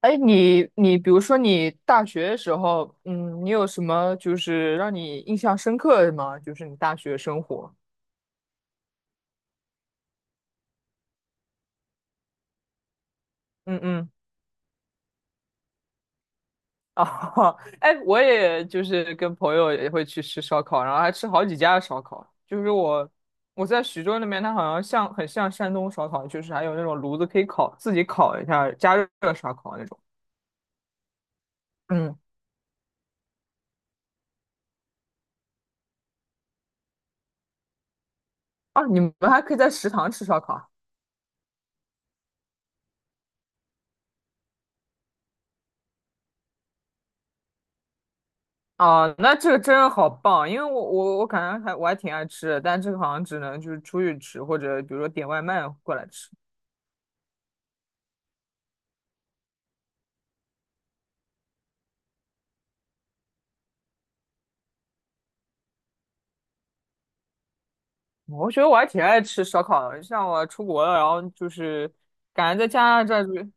哎，你比如说你大学的时候，你有什么就是让你印象深刻的吗？就是你大学生活。嗯嗯。哦，哎，我也就是跟朋友也会去吃烧烤，然后还吃好几家的烧烤。就是我在徐州那边，它好像很像山东烧烤，就是还有那种炉子可以烤，自己烤一下加热烧烤那种。嗯。啊，你们还可以在食堂吃烧烤。哦，那这个真的好棒，因为我感觉我还挺爱吃的，但这个好像只能就是出去吃，或者比如说点外卖过来吃。我觉得我还挺爱吃烧烤的，像我出国了，然后就是感觉在家这边，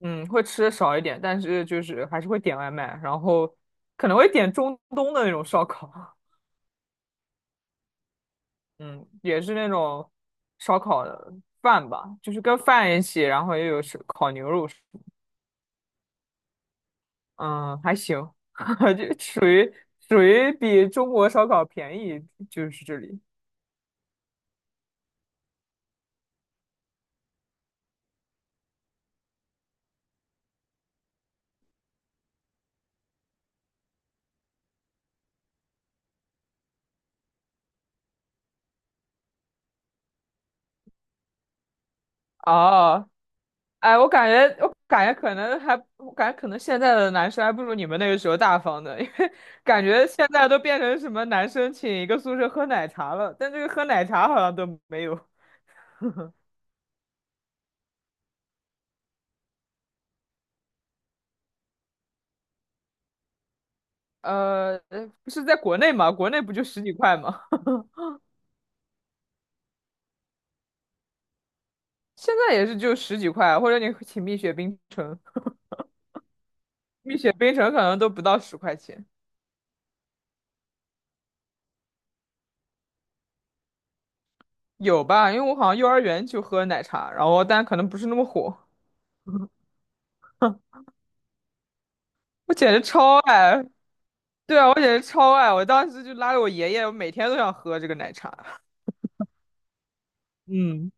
会吃的少一点，但是就是还是会点外卖，然后可能会点中东的那种烧烤，嗯，也是那种烧烤的饭吧，就是跟饭一起，然后又有是烤牛肉。嗯，还行，就属于比中国烧烤便宜，就是这里。哦，哎，我感觉可能现在的男生还不如你们那个时候大方的，因为感觉现在都变成什么男生请一个宿舍喝奶茶了，但这个喝奶茶好像都没有。不是在国内嘛，国内不就十几块吗？现在也是就十几块，或者你请蜜雪冰城，蜜雪冰城可能都不到十块钱。有吧？因为我好像幼儿园就喝奶茶，然后但可能不是那么火。我简直超爱，对啊，我简直超爱。我当时就拉着我爷爷，我每天都想喝这个奶茶。嗯。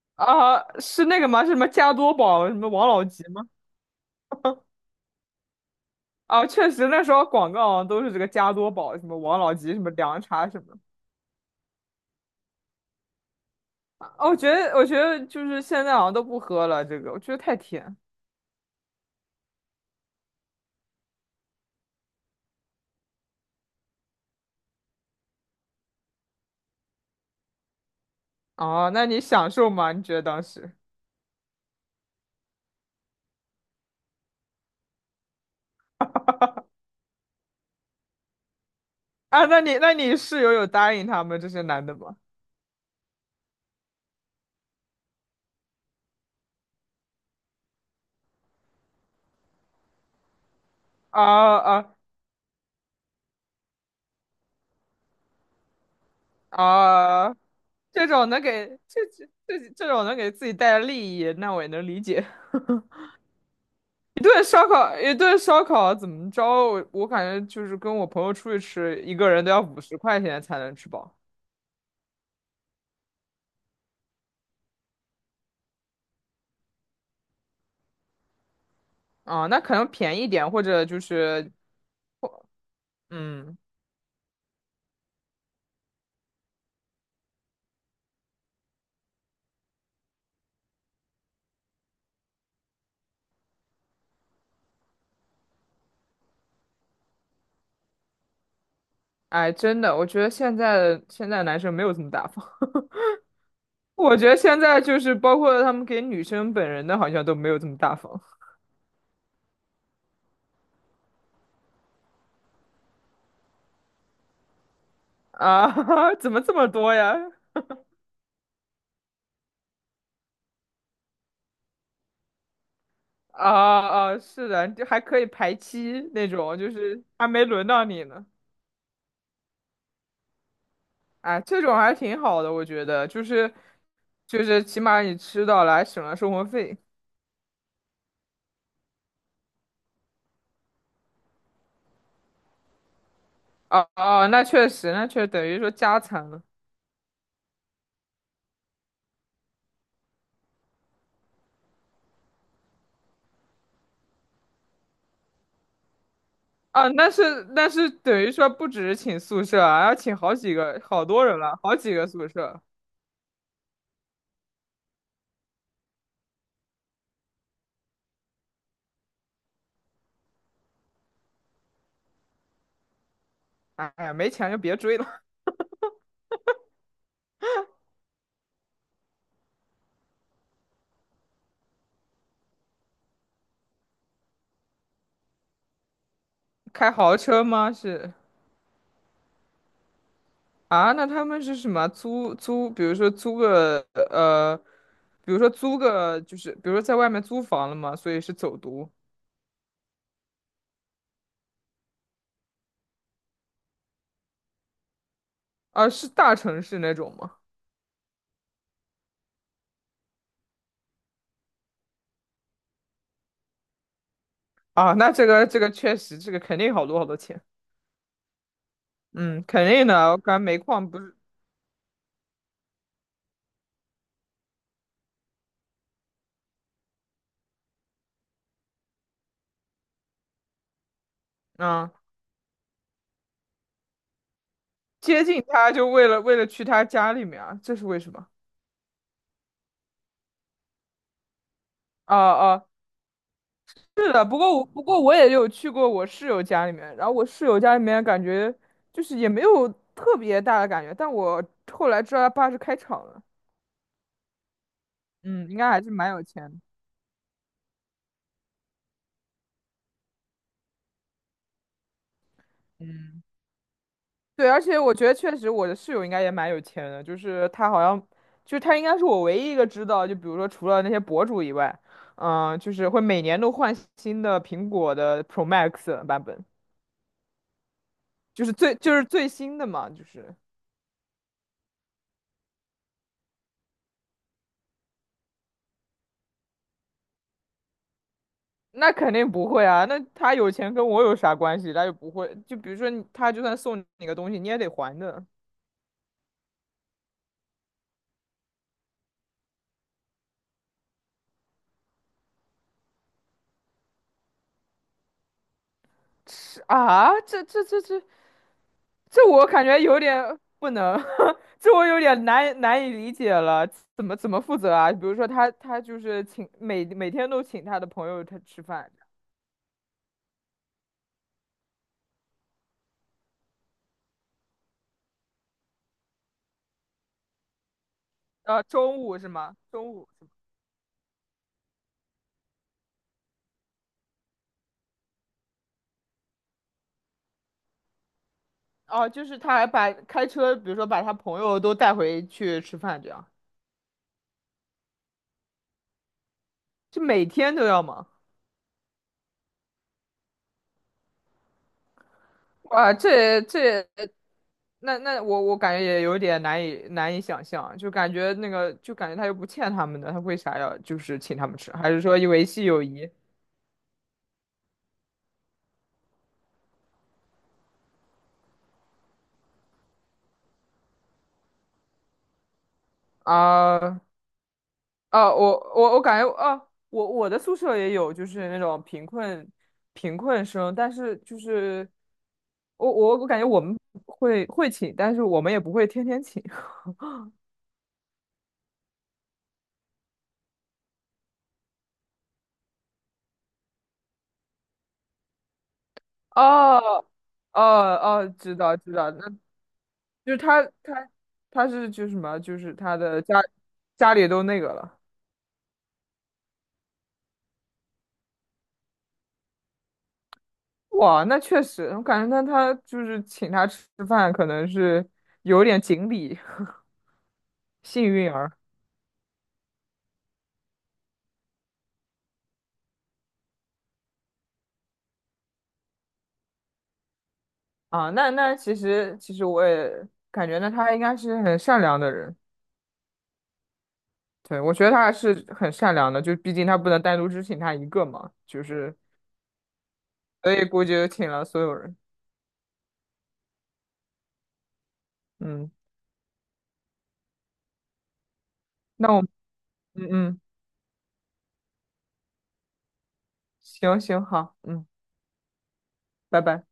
啊，是那个吗？是什么加多宝？什么王老吉吗？啊，确实那时候广告都是这个加多宝，什么王老吉，什么凉茶什么的。啊，我觉得就是现在好像都不喝了，这个我觉得太甜。哦，那你享受吗？你觉得当时？啊，那你室友有答应他们这些男的吗？啊啊，啊，这种能给这这种能给自己带来利益，那我也能理解。一顿烧烤怎么着？我感觉就是跟我朋友出去吃，一个人都要50块钱才能吃饱。啊，那可能便宜点，或者就是，嗯。哎，真的，我觉得现在男生没有这么大方。我觉得现在就是包括他们给女生本人的，好像都没有这么大方啊，怎么这么多呀？啊啊，是的，就还可以排期那种，就是还没轮到你呢。哎，这种还挺好的，我觉得，就是起码你吃到了，还省了生活费。哦、哦、那确实，等于说加餐了。啊，那是等于说不只是请宿舍啊，要请好几个，好多人了，好几个宿舍。哎呀，没钱就别追了。开豪车吗？是啊，那他们是什么？比如说租个呃比如说租个，就是比如说在外面租房了嘛，所以是走读啊，是大城市那种吗？啊，那这个确实，这个肯定好多好多钱，嗯，肯定的，我感觉煤矿不是，啊，接近他就为了去他家里面啊，这是为什么？啊啊，是的，不过我也有去过我室友家里面，然后我室友家里面感觉就是也没有特别大的感觉，但我后来知道他爸是开厂的，嗯，应该还是蛮有钱的嗯。对，而且我觉得确实我的室友应该也蛮有钱的，就是他好像，就是他应该是我唯一一个知道，就比如说除了那些博主以外，就是会每年都换新的苹果的 Pro Max 版本，就是最新的嘛，就是那肯定不会啊，那他有钱跟我有啥关系？他又不会，就比如说你他就算送你个东西，你也得还的。是啊，这我感觉有点不能，这我有点难以理解了，怎么负责啊？比如说他就是请每天都请他的朋友他吃饭，中午是吗?哦，就是他还把开车，比如说把他朋友都带回去吃饭，这样就每天都要忙哇，那我感觉也有点难以想象，就感觉他又不欠他们的，他为啥要就是请他们吃？还是说维系友谊啊？啊，我感觉啊，我的宿舍也有，就是那种贫困生，但是就是我感觉我们会请，但是我们也不会天天请。哦哦哦，知道知道，那就是他是就是什么，就是他的家里都那个了。哇，那确实，我感觉他就是请他吃饭，可能是有点锦鲤 幸运儿。啊，那其实我也感觉呢，他应该是很善良的人。对，我觉得他还是很善良的，就毕竟他不能单独只请他一个嘛，就是所以估计就请了所有人。嗯，那我嗯嗯，行行好，嗯，拜拜。